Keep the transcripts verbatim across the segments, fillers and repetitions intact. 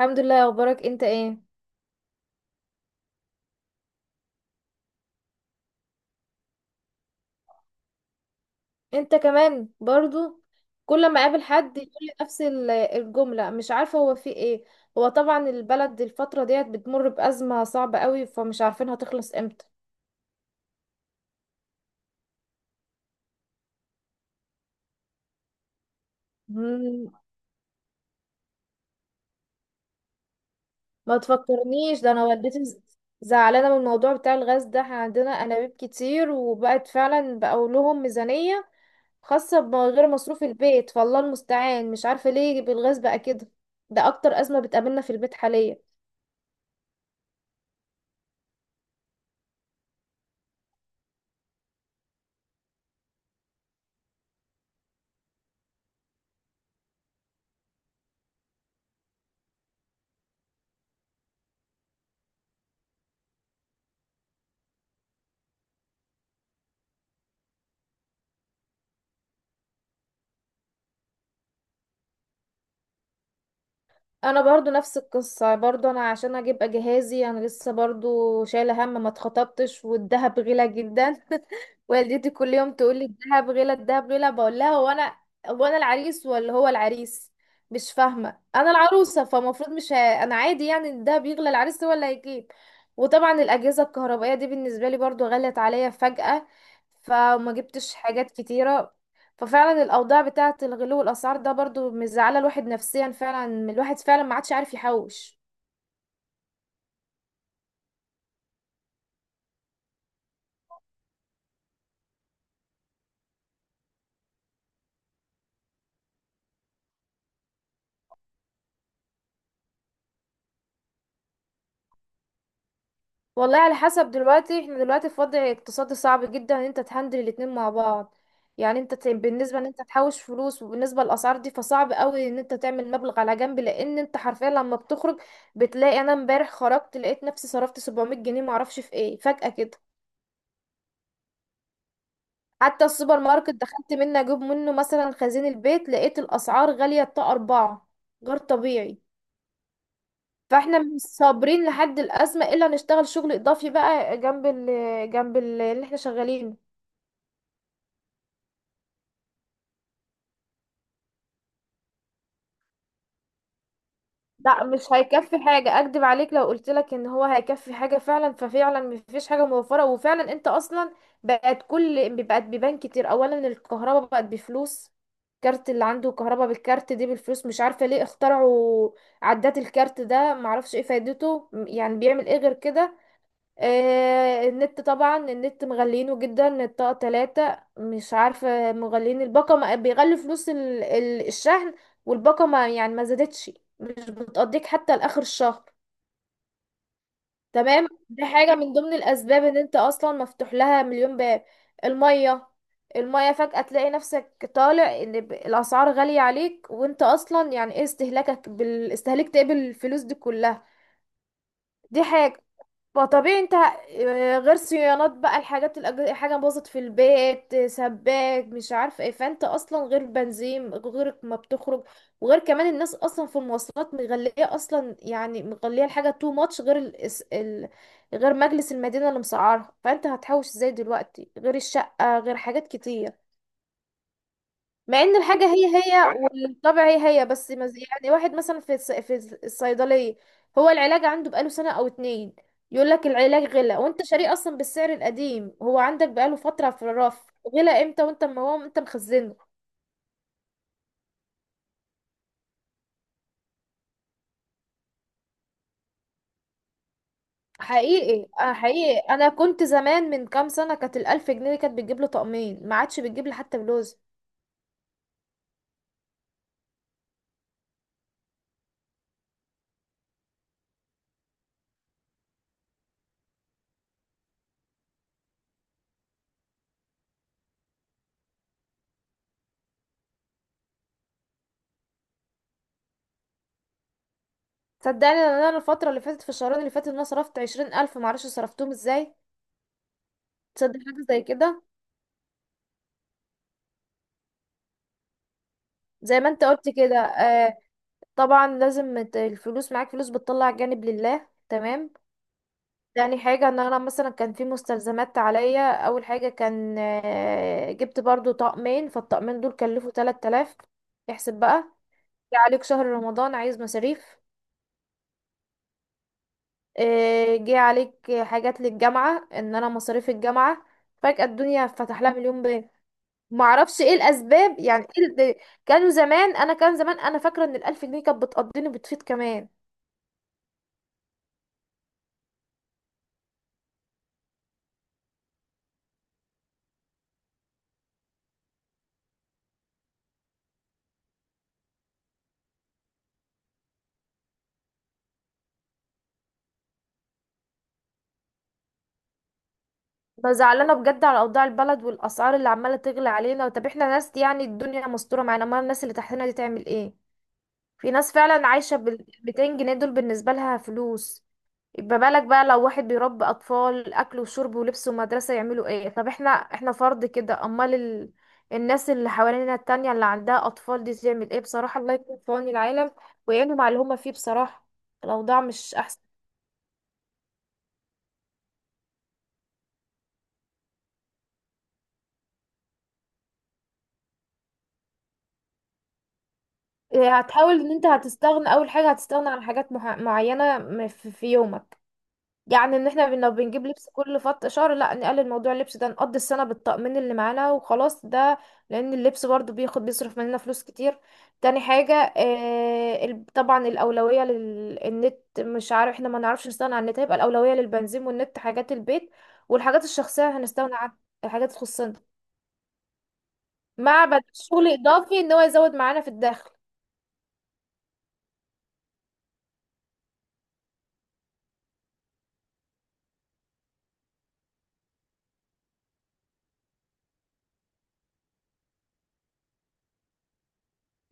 الحمد لله. اخبارك انت ايه؟ انت كمان برضو. كل ما اقابل حد يقول لي نفس ال- الجملة، مش عارفة هو في ايه. هو طبعا البلد الفترة ديت بتمر بأزمة صعبة قوي، فمش عارفين هتخلص امتى. مم، ما تفكرنيش ده، انا والدتي ز- زعلانة من الموضوع بتاع الغاز ده. احنا عندنا انابيب كتير وبقت فعلا، بقوا لهم ميزانية خاصة بغير مصروف البيت. فالله المستعان، مش عارفة ليه بالغاز بقى كده. ده اكتر أزمة بتقابلنا في البيت حاليا. انا برضو نفس القصة، برضو انا عشان اجيب جهازي انا لسه، برضو شايلة هم، ما اتخطبتش والدهب غلا جدا. والدتي كل يوم تقول لي الذهب غلا الذهب غلا. بقول لها هو انا، هو انا العريس ولا هو العريس؟ مش فاهمه، انا العروسه فالمفروض مش ه... انا عادي يعني الذهب يغلى، العريس هو اللي هيجيب. وطبعا الاجهزه الكهربائيه دي بالنسبه لي برضو غلت عليا فجاه، فما جبتش حاجات كتيره. ففعلا الاوضاع بتاعه الغلو والاسعار ده برضو مزعله الواحد نفسيا، فعلا الواحد فعلا ما عادش عارف يحوش. والله على حسب، دلوقتي احنا دلوقتي في وضع اقتصادي صعب جدا ان انت تهندل الاتنين مع بعض. يعني انت ت- بالنسبة ان انت تحوش فلوس وبالنسبة للاسعار دي، فصعب قوي ان انت تعمل مبلغ على جنب، لان انت حرفيا لما بتخرج بتلاقي، انا امبارح خرجت لقيت نفسي صرفت سبعمية جنيه معرفش في ايه فجأة كده. حتى السوبر ماركت دخلت منه اجيب منه مثلا خزين البيت، لقيت الاسعار غالية، الطاقة اربعة، غير طبيعي. فاحنا مش صابرين لحد الازمة الا نشتغل شغل اضافي بقى جنب ال جنب ال- اللي احنا شغالين. لا مش هيكفي حاجة، اكدب عليك لو قلت لك ان هو هيكفي حاجة فعلا. ففعلا مفيش حاجة موفرة، وفعلا انت اصلا بقت كل بقت بيبان كتير. اولا الكهرباء بقت بفلوس، كارت، اللي عنده كهرباء بالكارت دي بالفلوس، مش عارفة ليه اخترعوا عدات الكارت ده، معرفش ايه فايدته، م- يعني بيعمل ايه غير كده؟ آه، النت، طبعا النت مغلينه جدا، الطاقة تلاتة، مش عارفة مغلين الباقة، ما- بيغلي فلوس ال- ال- الشحن، والباقة ما يعني ما زادتش، مش بتقضيك حتى لآخر الشهر. تمام، دي حاجة من ضمن الأسباب إن أنت أصلا مفتوح لها مليون باب. المية، المية فجأة تلاقي نفسك طالع إن ب- الأسعار غالية عليك، وأنت أصلا يعني إيه استهلاكك بالاستهلاك تقبل الفلوس دي كلها؟ دي حاجة، فطبيعي انت آه، غير صيانات بقى الحاجات، الأج- حاجة باظت في البيت، آه، سباك مش عارفة ايه، فانت اصلا غير بنزين غيرك ما بتخرج. وغير كمان الناس اصلا في المواصلات مغلية اصلا، يعني مغلية الحاجة تو ماتش، غير ال... الس- ال... غير مجلس المدينة اللي مسعرها، فانت هتحوش ازاي دلوقتي؟ غير الشقة، غير حاجات كتير. مع ان الحاجه هي هي، صح؟ والطبع هي هي بس، مز- يعني واحد مثلا في الص- في الصيدليه، هو العلاج عنده بقاله سنه او اتنين، يقول لك العلاج غلى، وانت شاريه اصلا بالسعر القديم، هو عندك بقاله فتره في الرف، غلى امتى وانت ما هو انت مخزنه. حقيقي، آه حقيقي، انا كنت زمان، من كام سنه كانت الالف جنيه دي كانت بتجيب له طقمين، ما عادش بتجيب لي حتى بلوز. صدقني إن انا الفتره اللي فاتت، في الشهرين اللي فاتت، إن انا صرفت عشرين الف معرفش صرفتهم ازاي. تصدق حاجه زي كده؟ زي ما انت قلت كده. آه، طبعا لازم مت- الفلوس معاك، فلوس بتطلع جانب لله، تمام. تاني حاجة ان انا مثلا كان في مستلزمات عليا، اول حاجة كان آه، جبت برضو طقمين، فالطقمين دول كلفوا تلات تلاف، احسب بقى. جه عليك شهر رمضان عايز مصاريف، آه، جه عليك حاجات للجامعة، ان انا مصاريف الجامعة، فجأة الدنيا فتح لها مليون باب، معرفش ايه الاسباب، يعني إيه ال- كانوا زمان، انا كان زمان انا فاكرة ان الالف جنيه كانت بتقضيني بتفيض كمان. زعلانه بجد على اوضاع البلد والاسعار اللي عماله تغلى علينا. طب احنا ناس يعني الدنيا مستوره معانا، امال الناس اللي تحتنا دي تعمل ايه؟ في ناس فعلا عايشه بال مئتين جنيه، دول بالنسبه لها فلوس. يبقى بالك بقى لو واحد بيربي اطفال، اكل وشرب ولبس ومدرسه، يعملوا ايه؟ طب احنا، احنا فرد كده، امال ال... الناس اللي حوالينا التانية اللي عندها اطفال دي تعمل ايه؟ بصراحه الله يكون في عون العالم ويعينهم على اللي هما فيه بصراحه. الاوضاع مش احسن. هتحاول ان انت هتستغنى، اول حاجه هتستغنى عن حاجات مح- معينه م- في في يومك. يعني ان احنا بن- بنجيب لبس كل فط شهر، لا نقلل موضوع اللبس ده، نقضي السنه بالطقمين اللي معانا وخلاص، ده لان اللبس برضو بياخد بيصرف مننا فلوس كتير. تاني حاجه، آه ال- طبعا الاولويه للنت، مش عارف احنا ما نعرفش نستغنى عن النت، هيبقى الاولويه للبنزين والنت حاجات البيت، والحاجات الشخصيه هنستغنى عن الحاجات تخصنا. مع بدل شغل اضافي ان هو يزود معانا في الدخل.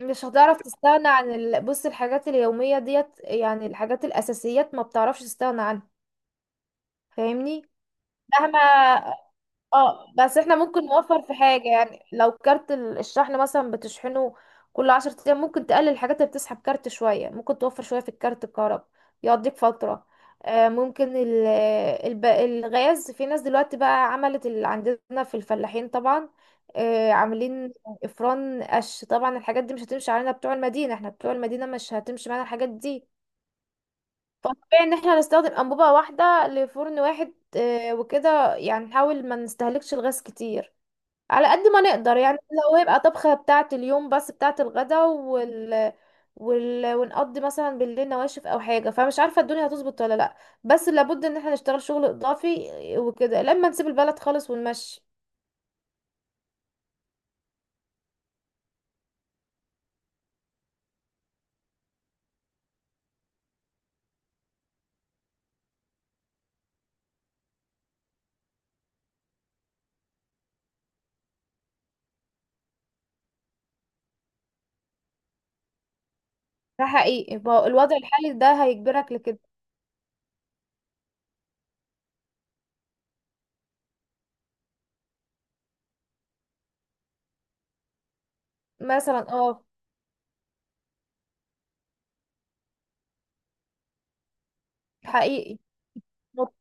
مش هتعرف تستغنى عن ال... بص الحاجات اليومية ديت، يعني الحاجات الأساسيات ما بتعرفش تستغنى عنها، فاهمني؟ مهما، اه بس احنا ممكن نوفر في حاجة. يعني لو كارت ال- الشحن مثلا بتشحنه كل عشر ايام، ممكن تقلل الحاجات اللي بتسحب كارت شوية، ممكن توفر شوية في الكارت، الكهرباء يقضيك فترة. آه ممكن ال الب- الغاز، في ناس دلوقتي بقى عملت اللي عندنا في الفلاحين طبعا، آه عاملين افران قش. طبعا الحاجات دي مش هتمشي علينا بتوع المدينة، احنا بتوع المدينة مش هتمشي معانا الحاجات دي. فطبيعي ان احنا نستخدم انبوبة واحدة لفرن واحد، آه، وكده يعني نحاول ما نستهلكش الغاز كتير على قد ما نقدر يعني. لو هيبقى طبخة بتاعة اليوم بس بتاعة الغدا وال... وال... ونقضي مثلا بالليل نواشف او حاجة، فمش عارفة الدنيا هتظبط ولا لا. بس لابد ان احنا نشتغل شغل اضافي وكده لما نسيب البلد خالص ونمشي. ده حقيقي، ما هو الوضع الحالي ده هيجبرك لكده. مثلا اه. حقيقي. مط-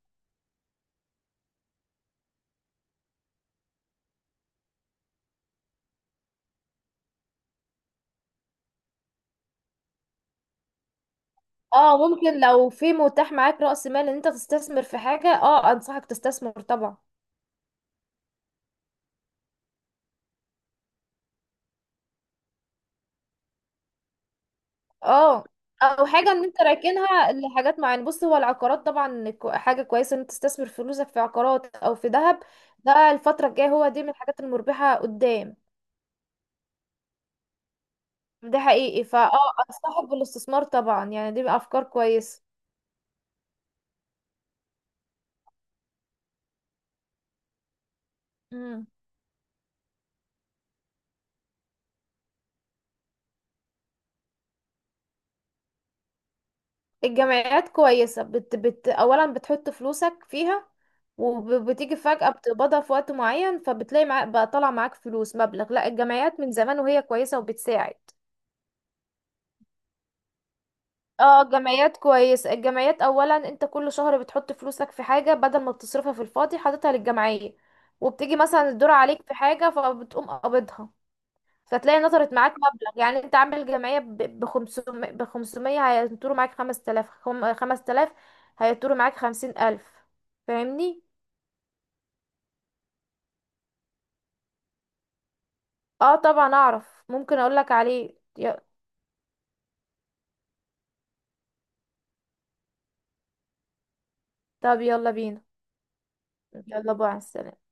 اه ممكن، لو في متاح معاك رأس مال ان انت تستثمر في حاجة، اه انصحك تستثمر طبعا. اه او حاجه ان انت راكنها لحاجات معينه. بص، هو العقارات طبعا كو- حاجه كويسه ان انت تستثمر فلوسك في عقارات او في ذهب، ده الفتره الجايه هو دي من الحاجات المربحه قدام. ده حقيقي فاه، انصحك بالاستثمار طبعا، يعني دي افكار كويسه. مم. الجمعيات كويسه، بت بت اولا بتحط فلوسك فيها، وبتيجي فجأة بتقبضها في وقت معين، فبتلاقي معاك بقى طالع معاك فلوس مبلغ. لا الجمعيات من زمان وهي كويسة وبتساعد. اه الجمعيات كويس، الجمعيات اولا انت كل شهر بتحط فلوسك في حاجة بدل ما بتصرفها في الفاضي، حاططها للجمعية، وبتيجي مثلا الدور عليك في حاجة فبتقوم قابضها، فتلاقي نطرت معاك مبلغ. يعني انت عامل جمعية ب خمسمية، ب خمسمية هينطروا معاك خمس تلاف، خم- خمس تلاف هينطروا معاك خمسين الف، فاهمني؟ اه طبعا اعرف، ممكن اقولك عليه ي- طب يلا بينا. يلا بقى على السلامة.